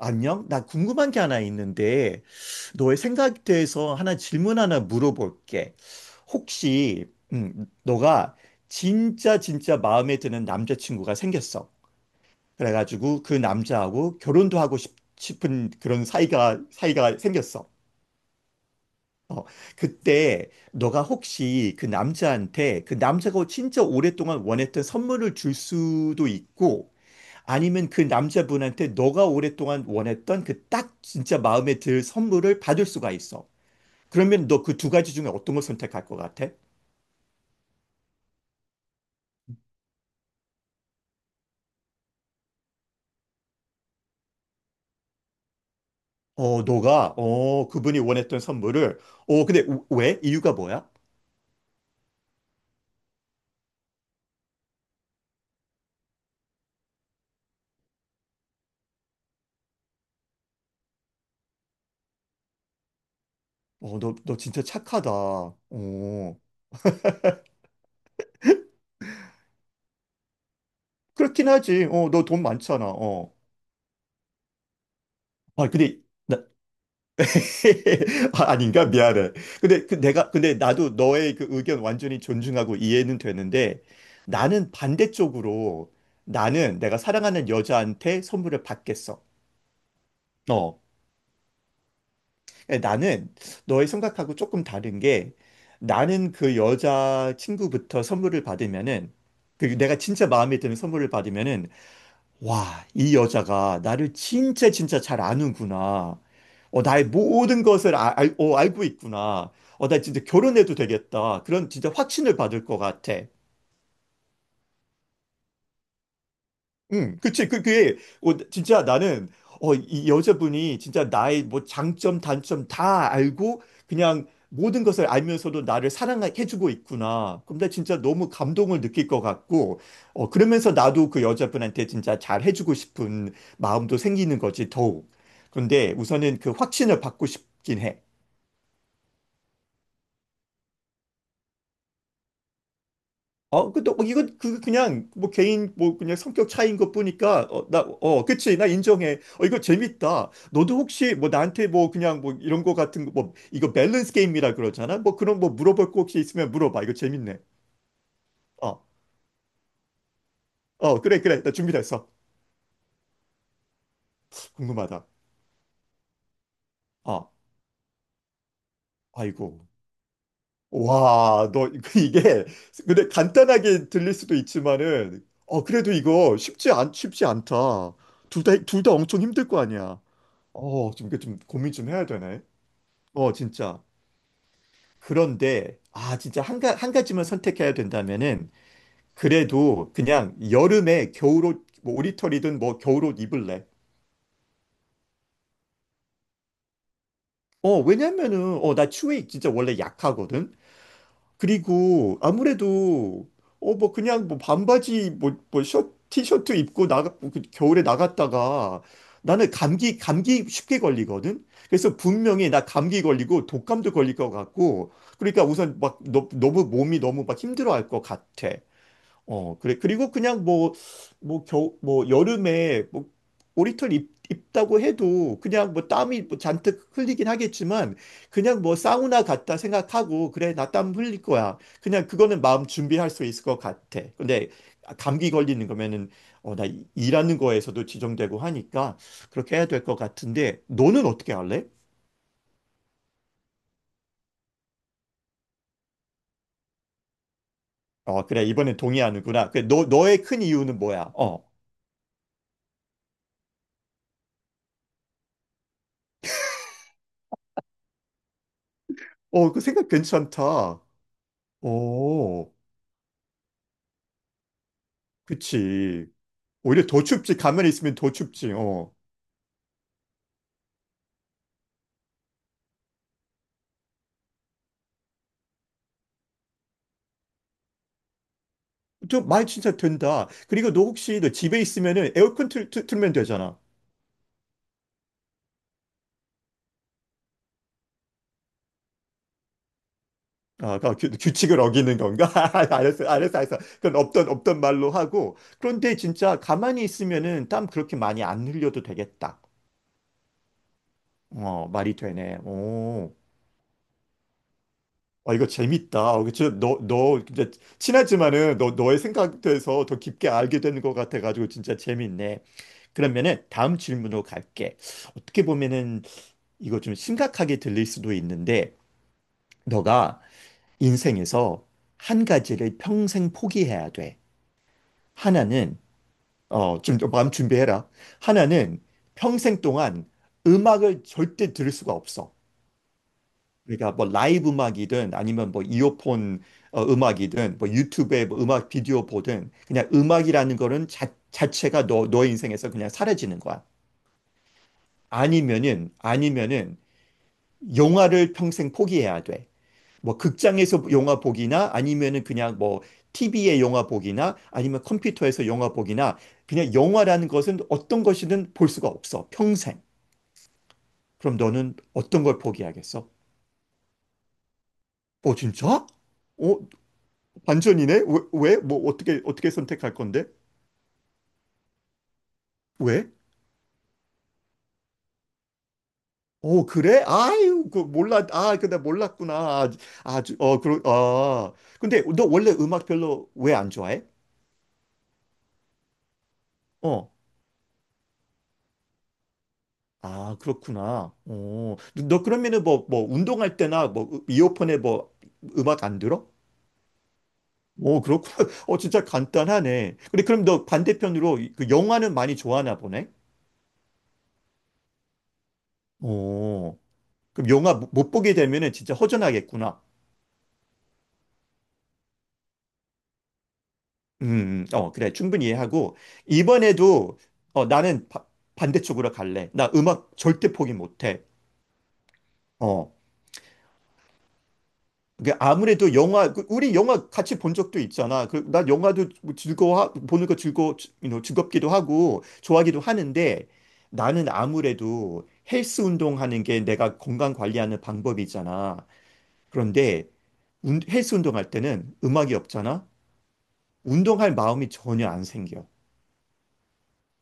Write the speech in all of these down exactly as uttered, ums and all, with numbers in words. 안녕? 나 궁금한 게 하나 있는데, 너의 생각에 대해서 하나 질문 하나 물어볼게. 혹시, 음, 너가 진짜 진짜 마음에 드는 남자친구가 생겼어. 그래가지고 그 남자하고 결혼도 하고 싶, 은 그런 사이가, 사이가 생겼어. 어, 그때 너가 혹시 그 남자한테 그 남자가 진짜 오랫동안 원했던 선물을 줄 수도 있고, 아니면 그 남자분한테 너가 오랫동안 원했던 그 딱 진짜 마음에 들 선물을 받을 수가 있어. 그러면 너 그 두 가지 중에 어떤 걸 선택할 것 같아? 어, 너가, 어, 그분이 원했던 선물을, 어, 근데 우- 왜? 이유가 뭐야? 어, 너, 너 진짜 착하다. 어, 그렇긴 하지. 어, 너 돈 많잖아. 어. 아, 근데, 나, 아, 아닌가? 미안해. 근데 그 내가, 근데 나도 너의 그 의견 완전히 존중하고 이해는 되는데 나는 반대쪽으로 나는 내가 사랑하는 여자한테 선물을 받겠어. 어. 나는 너의 생각하고 조금 다른 게 나는 그 여자 친구부터 선물을 받으면은 그 내가 진짜 마음에 드는 선물을 받으면은 와, 이 여자가 나를 진짜 진짜 잘 아는구나. 어, 나의 모든 것을 아- 알, 어, 알고 있구나. 어, 나 진짜 결혼해도 되겠다. 그런 진짜 확신을 받을 것 같아. 응, 그치. 그, 그게, 어, 진짜 나는, 어, 이 여자분이 진짜 나의 뭐 장점, 단점 다 알고, 그냥 모든 것을 알면서도 나를 사랑해주고 있구나. 그럼 나 진짜 너무 감동을 느낄 것 같고, 어, 그러면서 나도 그 여자분한테 진짜 잘 해주고 싶은 마음도 생기는 거지, 더욱. 그런데 우선은 그 확신을 받고 싶긴 해. 어, 그, 또, 뭐 이건, 그, 그냥, 뭐, 개인, 뭐, 그냥 성격 차이인 것 보니까, 어, 나, 어, 그치, 나 인정해. 어, 이거 재밌다. 너도 혹시, 뭐, 나한테 뭐, 그냥, 뭐, 이런 거 같은 거, 뭐, 이거 밸런스 게임이라 그러잖아? 뭐, 그런, 뭐, 물어볼 거 혹시 있으면 물어봐. 이거 재밌네. 어, 어, 그래, 그래. 나 준비됐어. 궁금하다. 어, 아이고. 와, 너 이게 근데 간단하게 들릴 수도 있지만은 어 그래도 이거 쉽지 않 쉽지 않다. 둘 다 둘 다 엄청 힘들 거 아니야. 어, 좀 이게 좀 고민 좀 해야 되네. 어, 진짜. 그런데 아, 진짜 한, 가, 한 가지만 선택해야 된다면은 그래도 그냥 여름에 겨울옷 뭐 오리털이든 뭐 겨울옷 입을래. 어, 왜냐면은 어, 나 추위에 진짜 원래 약하거든. 그리고 아무래도 어 뭐 그냥 뭐 반바지 뭐뭐 셔 티셔츠 입고 나가 뭐 그 겨울에 나갔다가 나는 감기 감기 쉽게 걸리거든. 그래서 분명히 나 감기 걸리고 독감도 걸릴 것 같고 그러니까 우선 막 너, 너무 몸이 너무 막 힘들어할 것 같아. 어, 그래. 그리고 그냥 뭐, 뭐, 겨, 뭐, 여름에, 뭐, 오리털 입, 입다고 해도 그냥 뭐 땀이 뭐 잔뜩 흘리긴 하겠지만 그냥 뭐 사우나 갔다 생각하고 그래, 나 땀 흘릴 거야. 그냥 그거는 마음 준비할 수 있을 것 같아. 근데 감기 걸리는 거면은 어, 나 이- 일하는 거에서도 지정되고 하니까 그렇게 해야 될 것 같은데 너는 어떻게 할래? 어, 그래. 이번엔 동의하는구나. 그래, 너, 너의 큰 이유는 뭐야? 어, 어, 그 생각 괜찮다. 오. 그치. 오히려 더 춥지. 가만히 있으면 더 춥지. 어. 저말 진짜 된다. 그리고 너 혹시 너 집에 있으면은 에어컨 틀, 틀, 틀면 되잖아. 아, 그 규- 규칙을 어기는 건가? 알았어, 알았어, 알았어. 그건 없던, 없던 말로 하고. 그런데 진짜 가만히 있으면은 땀 그렇게 많이 안 흘려도 되겠다. 어, 말이 되네. 오. 아, 이거 재밌다. 어, 그치? 너, 너, 진짜 친하지만은 너, 너의 생각돼서 더 깊게 알게 되는 것 같아가지고 진짜 재밌네. 그러면은 다음 질문으로 갈게. 어떻게 보면은 이거 좀 심각하게 들릴 수도 있는데, 너가 인생에서 한 가지를 평생 포기해야 돼. 하나는, 어, 좀, 더 마음 준비해라. 하나는 평생 동안 음악을 절대 들을 수가 없어. 그러니까 뭐 라이브 음악이든 아니면 뭐 이어폰 어, 음악이든 뭐 유튜브에 뭐 음악 비디오 보든 그냥 음악이라는 거는 자, 자체가 너, 너의 인생에서 그냥 사라지는 거야. 아니면은 아니면은 영화를 평생 포기해야 돼. 뭐 극장에서 영화 보기나 아니면은 그냥 뭐 티비에 영화 보기나 아니면 컴퓨터에서 영화 보기나 그냥 영화라는 것은 어떤 것이든 볼 수가 없어. 평생. 그럼 너는 어떤 걸 포기하겠어? 어, 진짜? 어, 반전이네? 왜, 왜? 뭐 어떻게 어떻게 선택할 건데? 왜? 오, 그래? 아유, 그 몰라. 아, 근데 몰랐구나. 아, 아주 어, 그러 아. 근데 너 원래 음악 별로 왜 안 좋아해? 어. 아, 그렇구나. 어. 너, 너 그러면은 뭐 뭐 운동할 때나 뭐 으- 이어폰에 뭐 음악 안 들어? 오, 그렇구나. 어, 진짜 간단하네. 근데 그럼 너 반대편으로 이- 그 영화는 많이 좋아하나 보네? 오, 그럼 영화 못 보게 되면은 진짜 허전하겠구나. 음, 음. 어, 그래. 충분히 이해하고, 이번에도, 어, 나는 바- 반대쪽으로 갈래. 나 음악 절대 포기 못해. 어. 그 아무래도 영화, 그 우리 영화 같이 본 적도 있잖아. 그, 나 영화도 뭐 즐거워, 보는 거 즐거, you know, 즐겁기도 하고, 좋아하기도 하는데, 나는 아무래도 헬스 운동하는 게 내가 건강 관리하는 방법이잖아. 그런데, 운- 헬스 운동할 때는 음악이 없잖아? 운동할 마음이 전혀 안 생겨.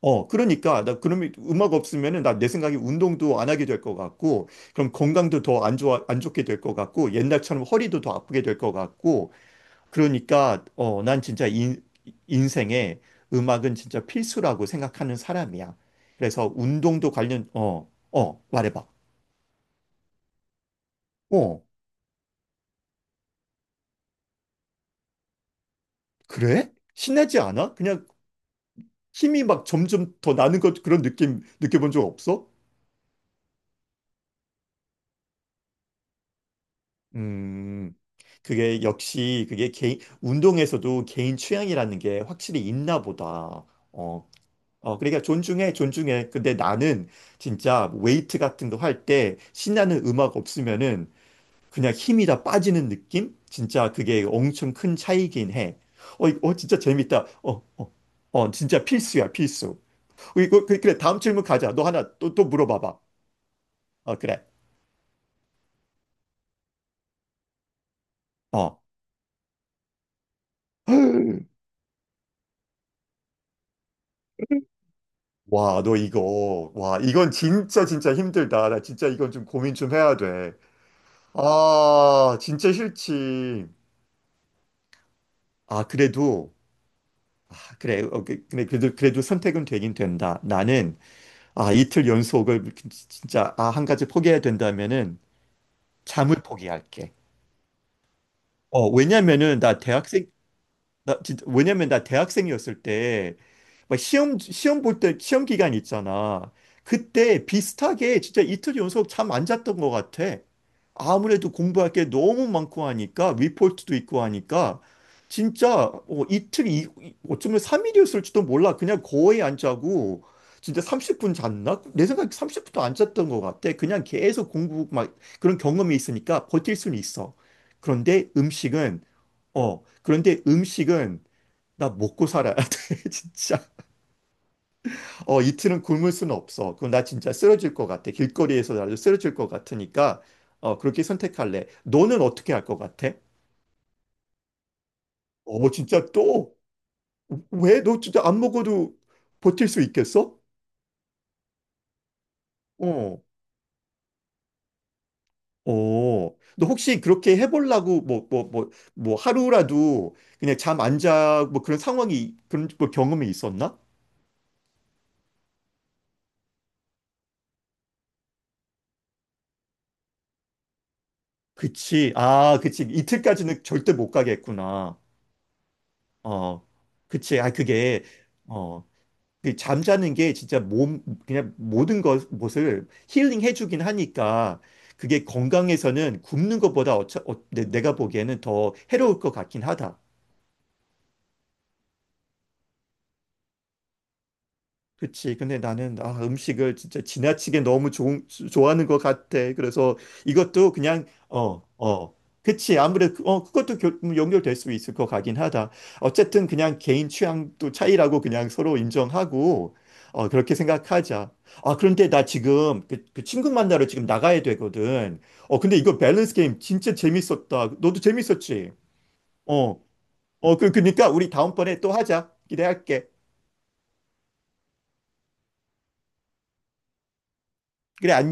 어, 그러니까, 나 그러면 음악 없으면은 나 내 생각에 운동도 안 하게 될 것 같고, 그럼 건강도 더 안 좋아, 안 좋게 될 것 같고, 옛날처럼 허리도 더 아프게 될 것 같고, 그러니까, 어, 난 진짜 인, 인생에 음악은 진짜 필수라고 생각하는 사람이야. 그래서 운동도 관련, 어, 어, 말해봐. 어, 그래? 신나지 않아? 그냥 힘이 막 점점 더 나는 것 그런 느낌 느껴본 적 없어? 음, 그게 역시 그게 개인 운동에서도 개인 취향이라는 게 확실히 있나 보다. 어, 어, 그러니까 존중해, 존중해. 근데 나는 진짜 웨이트 같은 거 할 때 신나는 음악 없으면은 그냥 힘이 다 빠지는 느낌? 진짜 그게 엄청 큰 차이긴 해. 어, 이거- 어, 진짜 재밌다. 어, 어, 어, 진짜 필수야, 필수. 어, 이거 그- 그래, 다음 질문 가자. 너 하나 또, 또 물어봐봐. 어, 그래. 어. 와, 너 이거, 와, 이건 진짜 진짜 힘들다. 나 진짜 이건 좀 고민 좀 해야 돼. 아, 진짜 싫지. 아, 그래도, 아, 그래, 어, 그- 그 그래도, 그래도 선택은 되긴 된다. 나는, 아, 이틀 연속을 진짜, 아, 한, 가지 포기해야 된다면은, 잠을 포기할게. 어, 왜냐면은, 나 대학생, 나 진짜 왜냐면 나 대학생이었을 때 막 시험 시험 볼 때 시험 기간 있잖아. 그때 비슷하게 진짜 이틀 연속 잠 안 잤던 것 같아. 아무래도 공부할 게 너무 많고 하니까 리포트도 있고 하니까 진짜 어, 이틀 이 이- 어쩌면 삼 일이었을지도 몰라. 그냥 거의 안 자고 진짜 삼십 분 잤나? 내 생각에 삼십 분도 안 잤던 것 같아. 그냥 계속 공부 막 그런 경험이 있으니까 버틸 수는 있어. 그런데 음식은 어, 그런데 음식은 나 먹고 살아야 돼, 진짜. 어, 이틀은 굶을 수는 없어. 그럼 나 진짜 쓰러질 것 같아. 길거리에서 나도 쓰러질 것 같으니까, 어, 그렇게 선택할래. 너는 어떻게 할 것 같아? 어, 진짜 또? 왜? 너 진짜 안 먹어도 버틸 수 있겠어? 어. 어, 너 혹시 그렇게 해보려고 뭐, 뭐, 뭐, 뭐 하루라도 그냥 잠 안 자, 뭐 그런 상황이, 그런 뭐 경험이 있었나? 그치. 아, 그치. 이틀까지는 절대 못 가겠구나. 어, 그치. 아, 그게, 어, 그 잠자는 게 진짜 몸, 그냥 모든 것, 것을 힐링해주긴 하니까 그게 건강에서는 굶는 것보다 어차, 어, 내- 내가 보기에는 더 해로울 것 같긴 하다. 그치. 근데 나는 아, 음식을 진짜 지나치게 너무 조, 좋아하는 것 같아. 그래서 이것도 그냥 어, 어. 그치. 아무래도 그- 어, 그것도 겨- 음, 연결될 수 있을 것 같긴 하다. 어쨌든 그냥 개인 취향도 차이라고 그냥 서로 인정하고 어, 그렇게 생각하자. 아, 그런데 나 지금 그, 그 친구 만나러 지금 나가야 되거든. 어, 근데 이거 밸런스 게임 진짜 재밌었다. 너도 재밌었지? 어. 어, 그, 그니까 우리 다음번에 또 하자. 기대할게. 그래, 안녕.